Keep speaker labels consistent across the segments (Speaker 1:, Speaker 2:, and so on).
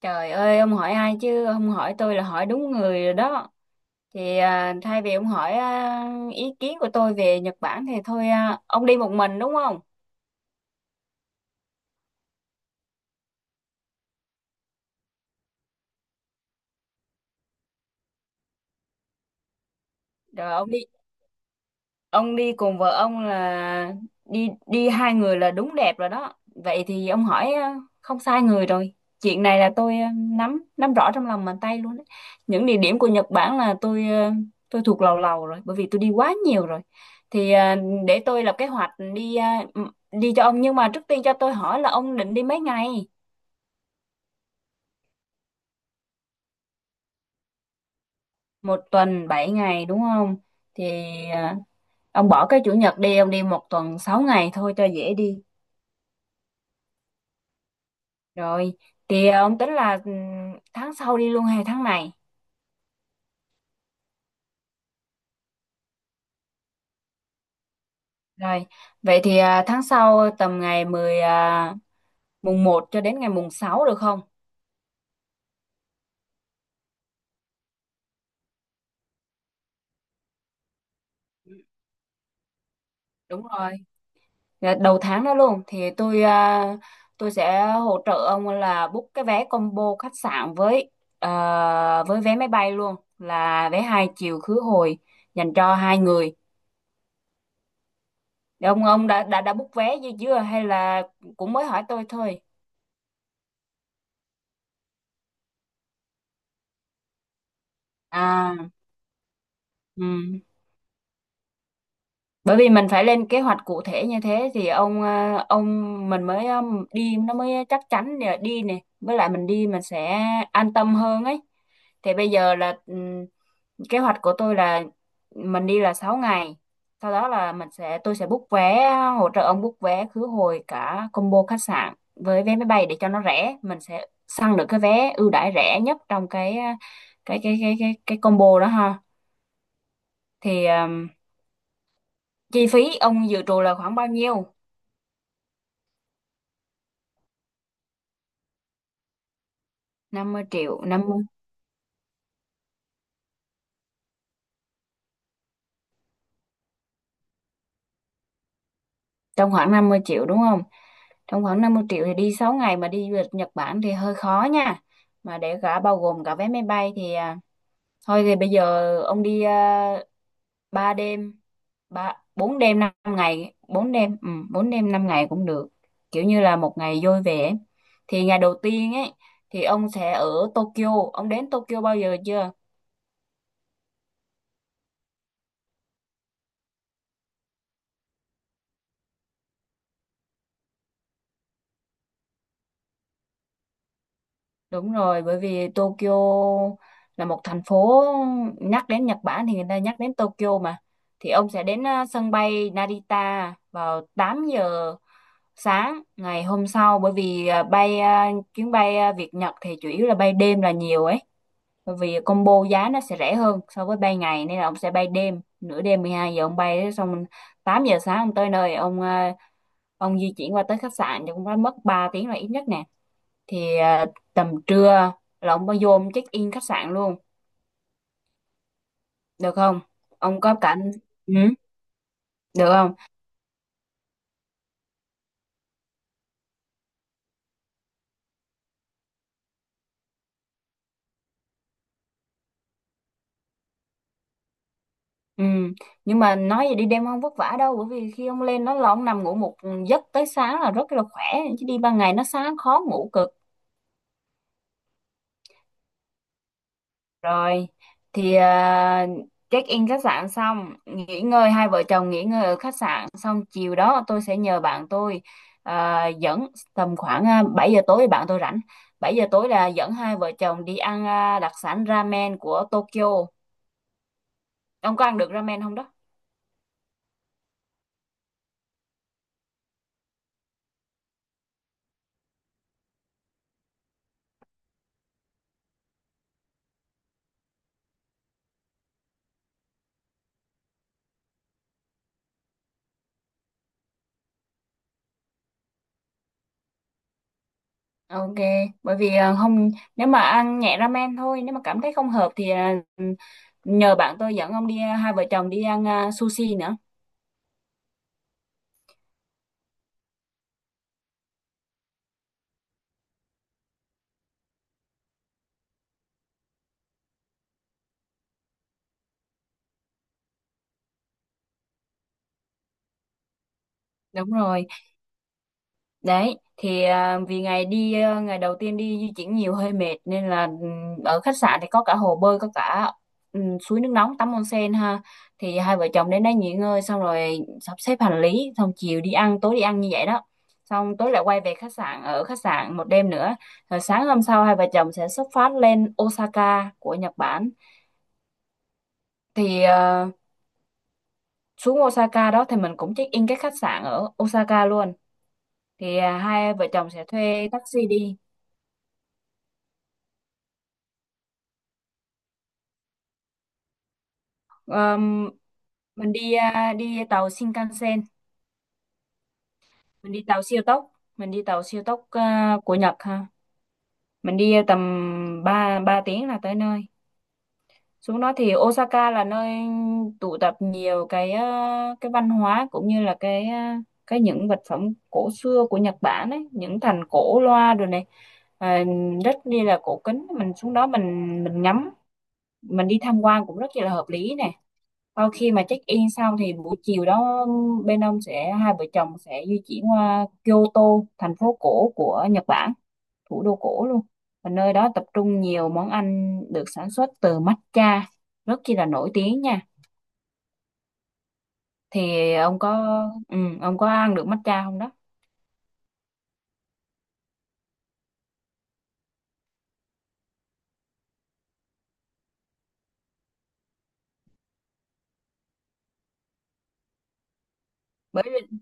Speaker 1: Trời ơi, ông hỏi ai chứ không hỏi tôi là hỏi đúng người rồi đó. Thay vì ông hỏi ý kiến của tôi về Nhật Bản thì ông đi một mình đúng không? Rồi ông đi, ông đi cùng vợ ông là đi, đi hai người là đúng đẹp rồi đó. Vậy thì ông hỏi không sai người rồi. Chuyện này là tôi nắm nắm rõ trong lòng bàn tay luôn đấy. Những địa điểm của Nhật Bản là tôi thuộc lầu lầu rồi bởi vì tôi đi quá nhiều rồi. thì ờ, để tôi lập kế hoạch m- đi cho ông, nhưng mà trước tiên cho tôi hỏi là ông định đi mấy ngày. Một tuần bảy ngày đúng không? thì ờ, ông bỏ cái chủ nhật đi, ông đi một tuần sáu ngày thôi cho dễ đi. Rồi, ông tính là tháng sau đi luôn hay tháng này? Rồi, vậy thì tháng sau tầm mùng một cho đến ngày mùng 6 được không? Đúng rồi. Là đầu tháng đó luôn thì tôi sẽ hỗ trợ ông là book cái vé combo khách sạn với với vé máy bay luôn, là vé hai chiều khứ hồi dành cho hai người. Thì ông đã book vé gì chưa, hay là cũng mới hỏi tôi thôi? À, ừ. Bởi vì mình phải lên kế hoạch cụ thể như thế thì ông mình mới đi nó mới chắc chắn để đi nè, với lại mình đi mình sẽ an tâm hơn ấy. Thì bây giờ là kế hoạch của tôi là mình đi là 6 ngày, sau đó là mình sẽ tôi sẽ book vé, hỗ trợ ông book vé khứ hồi cả combo khách sạn với vé máy bay để cho nó rẻ, mình sẽ săn được cái vé ưu đãi rẻ nhất trong cái ờ, cái combo đó ha. Thì chi phí ông dự trù là khoảng bao nhiêu? Năm mươi triệu. 50 trong khoảng 50 triệu đúng không? Trong khoảng 50 triệu thì đi 6 ngày mà đi du lịch Nhật Bản thì hơi khó nha, mà để cả bao gồm cả vé máy bay thì à, thôi thì bây giờ ông đi 3 đêm, ba 4 đêm 5 ngày, 4 đêm, ừ, 4 đêm 5 ngày cũng được, kiểu như là một ngày vui vẻ. Thì ngày đầu tiên ấy thì ông sẽ ở Tokyo. Ông đến Tokyo bao giờ chưa? Đúng rồi, bởi vì Tokyo là một thành phố, nhắc đến Nhật Bản thì người ta nhắc đến Tokyo mà. Thì ông sẽ đến sân bay Narita vào 8 giờ sáng ngày hôm sau, bởi vì chuyến bay Việt Nhật thì chủ yếu là bay đêm là nhiều ấy. Bởi vì combo giá nó sẽ rẻ hơn so với bay ngày nên là ông sẽ bay đêm, nửa đêm 12 giờ ông bay xong, 8 giờ sáng ông tới nơi, ông di chuyển qua tới khách sạn thì cũng phải mất 3 tiếng là ít nhất nè. Thì à, tầm trưa là ông mới vô, ông check in khách sạn luôn được không? Ông có cả, ừ, được không? Ừ. Nhưng mà nói vậy, đi đêm không vất vả đâu, bởi vì khi ông lên đó là ông nằm ngủ một giấc tới sáng là rất là khỏe, chứ đi ban ngày nó sáng khó ngủ cực. Rồi, thì à, check-in khách sạn xong, nghỉ ngơi, hai vợ chồng nghỉ ngơi ở khách sạn xong, chiều đó tôi sẽ nhờ bạn tôi dẫn. Tầm khoảng 7 giờ tối bạn tôi rảnh. 7 giờ tối là dẫn hai vợ chồng đi ăn đặc sản ramen của Tokyo. Ông có ăn được ramen không đó? Ok, bởi vì à, không, nếu mà ăn nhẹ ramen thôi, nếu mà cảm thấy không hợp thì à, nhờ bạn tôi dẫn ông đi, à, hai vợ chồng đi ăn sushi nữa. Đúng rồi. Đấy, thì à, vì ngày đầu tiên đi di chuyển nhiều hơi mệt nên là ở khách sạn thì có cả hồ bơi, có cả suối nước nóng tắm onsen ha. Thì hai vợ chồng đến đấy nghỉ ngơi xong rồi sắp xếp hành lý, xong chiều đi ăn, tối đi ăn như vậy đó. Xong tối lại quay về khách sạn, ở khách sạn một đêm nữa. Rồi sáng hôm sau hai vợ chồng sẽ xuất phát lên Osaka của Nhật Bản. Thì à, xuống Osaka đó thì mình cũng check in cái khách sạn ở Osaka luôn. Thì à, hai vợ chồng sẽ thuê taxi đi. Ờm, mình đi đi tàu Shinkansen, mình đi tàu siêu tốc, mình đi tàu siêu tốc của Nhật ha, mình đi tầm 3 3 tiếng là tới nơi. Xuống đó thì Osaka là nơi tụ tập nhiều cái cái văn hóa cũng như là cái những vật phẩm cổ xưa của Nhật Bản ấy, những thành cổ loa rồi này, à, rất như là cổ kính, mình xuống đó mình ngắm, mình đi tham quan cũng rất là hợp lý nè. Sau khi mà check in xong thì buổi chiều đó bên ông sẽ hai vợ chồng sẽ di chuyển qua Kyoto, thành phố cổ của Nhật Bản, thủ đô cổ luôn. Và nơi đó tập trung nhiều món ăn được sản xuất từ matcha, rất chi là nổi tiếng nha. Thì ông có, ừ, ông có ăn được matcha không đó? Bởi vì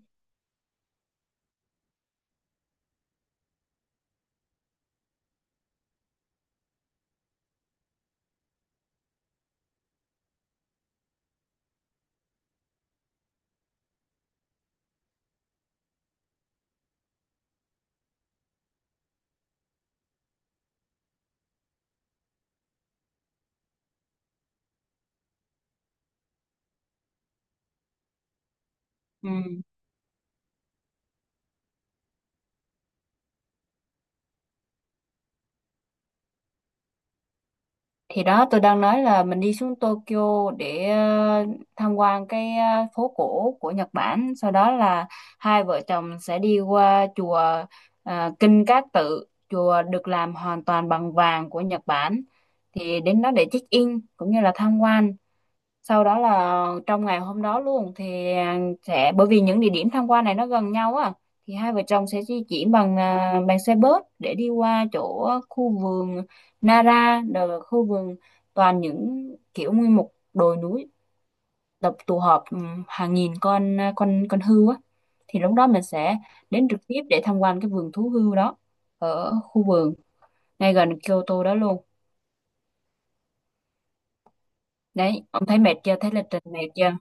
Speaker 1: ừ. Thì đó tôi đang nói là mình đi xuống Tokyo để tham quan cái phố cổ của Nhật Bản. Sau đó là hai vợ chồng sẽ đi qua chùa Kinh Cát Tự, chùa được làm hoàn toàn bằng vàng của Nhật Bản. Thì đến đó để check in cũng như là tham quan, sau đó là trong ngày hôm đó luôn thì à, sẽ bởi vì những địa điểm tham quan này nó gần nhau á, thì hai vợ chồng sẽ di chuyển bằng xe bus để đi qua chỗ khu vườn Nara, là khu vườn toàn những kiểu nguyên một đồi núi tập tụ họp hàng nghìn con à, con con hươu á. Thì lúc đó mình sẽ đến trực tiếp để tham quan cái vườn thú hươu đó ở khu vườn ngay gần Kyoto đó luôn. Đấy, ông thấy mệt chưa, thấy lịch trình mệt chưa?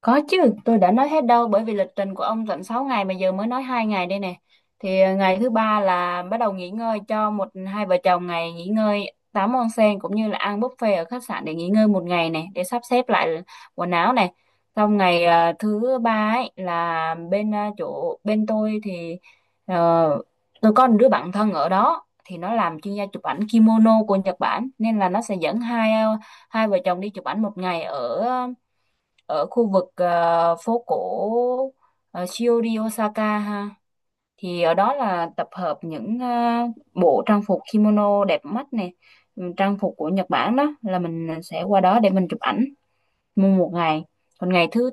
Speaker 1: Có chứ, tôi đã nói hết đâu, bởi vì lịch trình của ông tận 6 ngày mà giờ mới nói hai ngày đây nè. Thì ờ, ngày thứ ba là bắt đầu nghỉ ngơi cho một hai vợ chồng ngày nghỉ ngơi tắm onsen, cũng như là ăn buffet ở khách sạn để nghỉ ngơi một ngày này để sắp xếp lại quần áo này. Xong ngày thứ ba ấy là bên chỗ bên tôi thì ờ, tôi có một đứa bạn thân ở đó, thì nó làm chuyên gia chụp ảnh kimono của Nhật Bản, nên là nó sẽ dẫn hai vợ chồng đi chụp ảnh một ngày ở ở khu vực phố cổ Shiori Osaka ha. Thì ở đó là tập hợp những bộ trang phục kimono đẹp mắt này, ừ, trang phục của Nhật Bản đó, là mình sẽ qua đó để mình chụp ảnh mua một ngày. Còn ngày thứ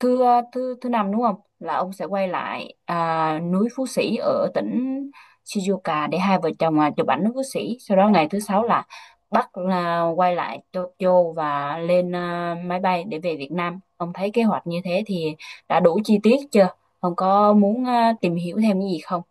Speaker 1: thứ ờ, thứ thứ năm đúng không, là ông sẽ quay lại núi Phú Sĩ ở tỉnh Shizuoka để hai vợ chồng chụp ảnh núi Phú Sĩ, sau đó ngày thứ sáu là Bắc là quay lại Tokyo và lên máy bay để về Việt Nam. Ông thấy kế hoạch như thế thì đã đủ chi tiết chưa, ông có muốn tìm hiểu thêm cái gì không?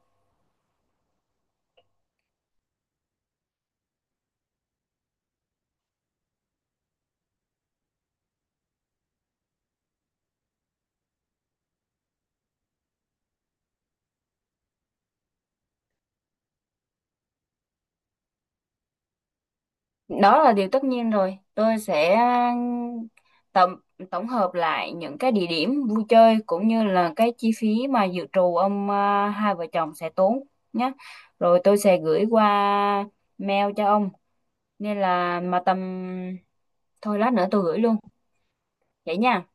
Speaker 1: Đó là điều tất nhiên rồi, tôi sẽ tổng tổng hợp lại những cái địa điểm vui chơi cũng như là cái chi phí mà dự trù hai vợ chồng sẽ tốn nhé. Rồi tôi sẽ gửi qua mail cho ông, nên là mà tầm, thôi lát nữa tôi gửi luôn vậy nha.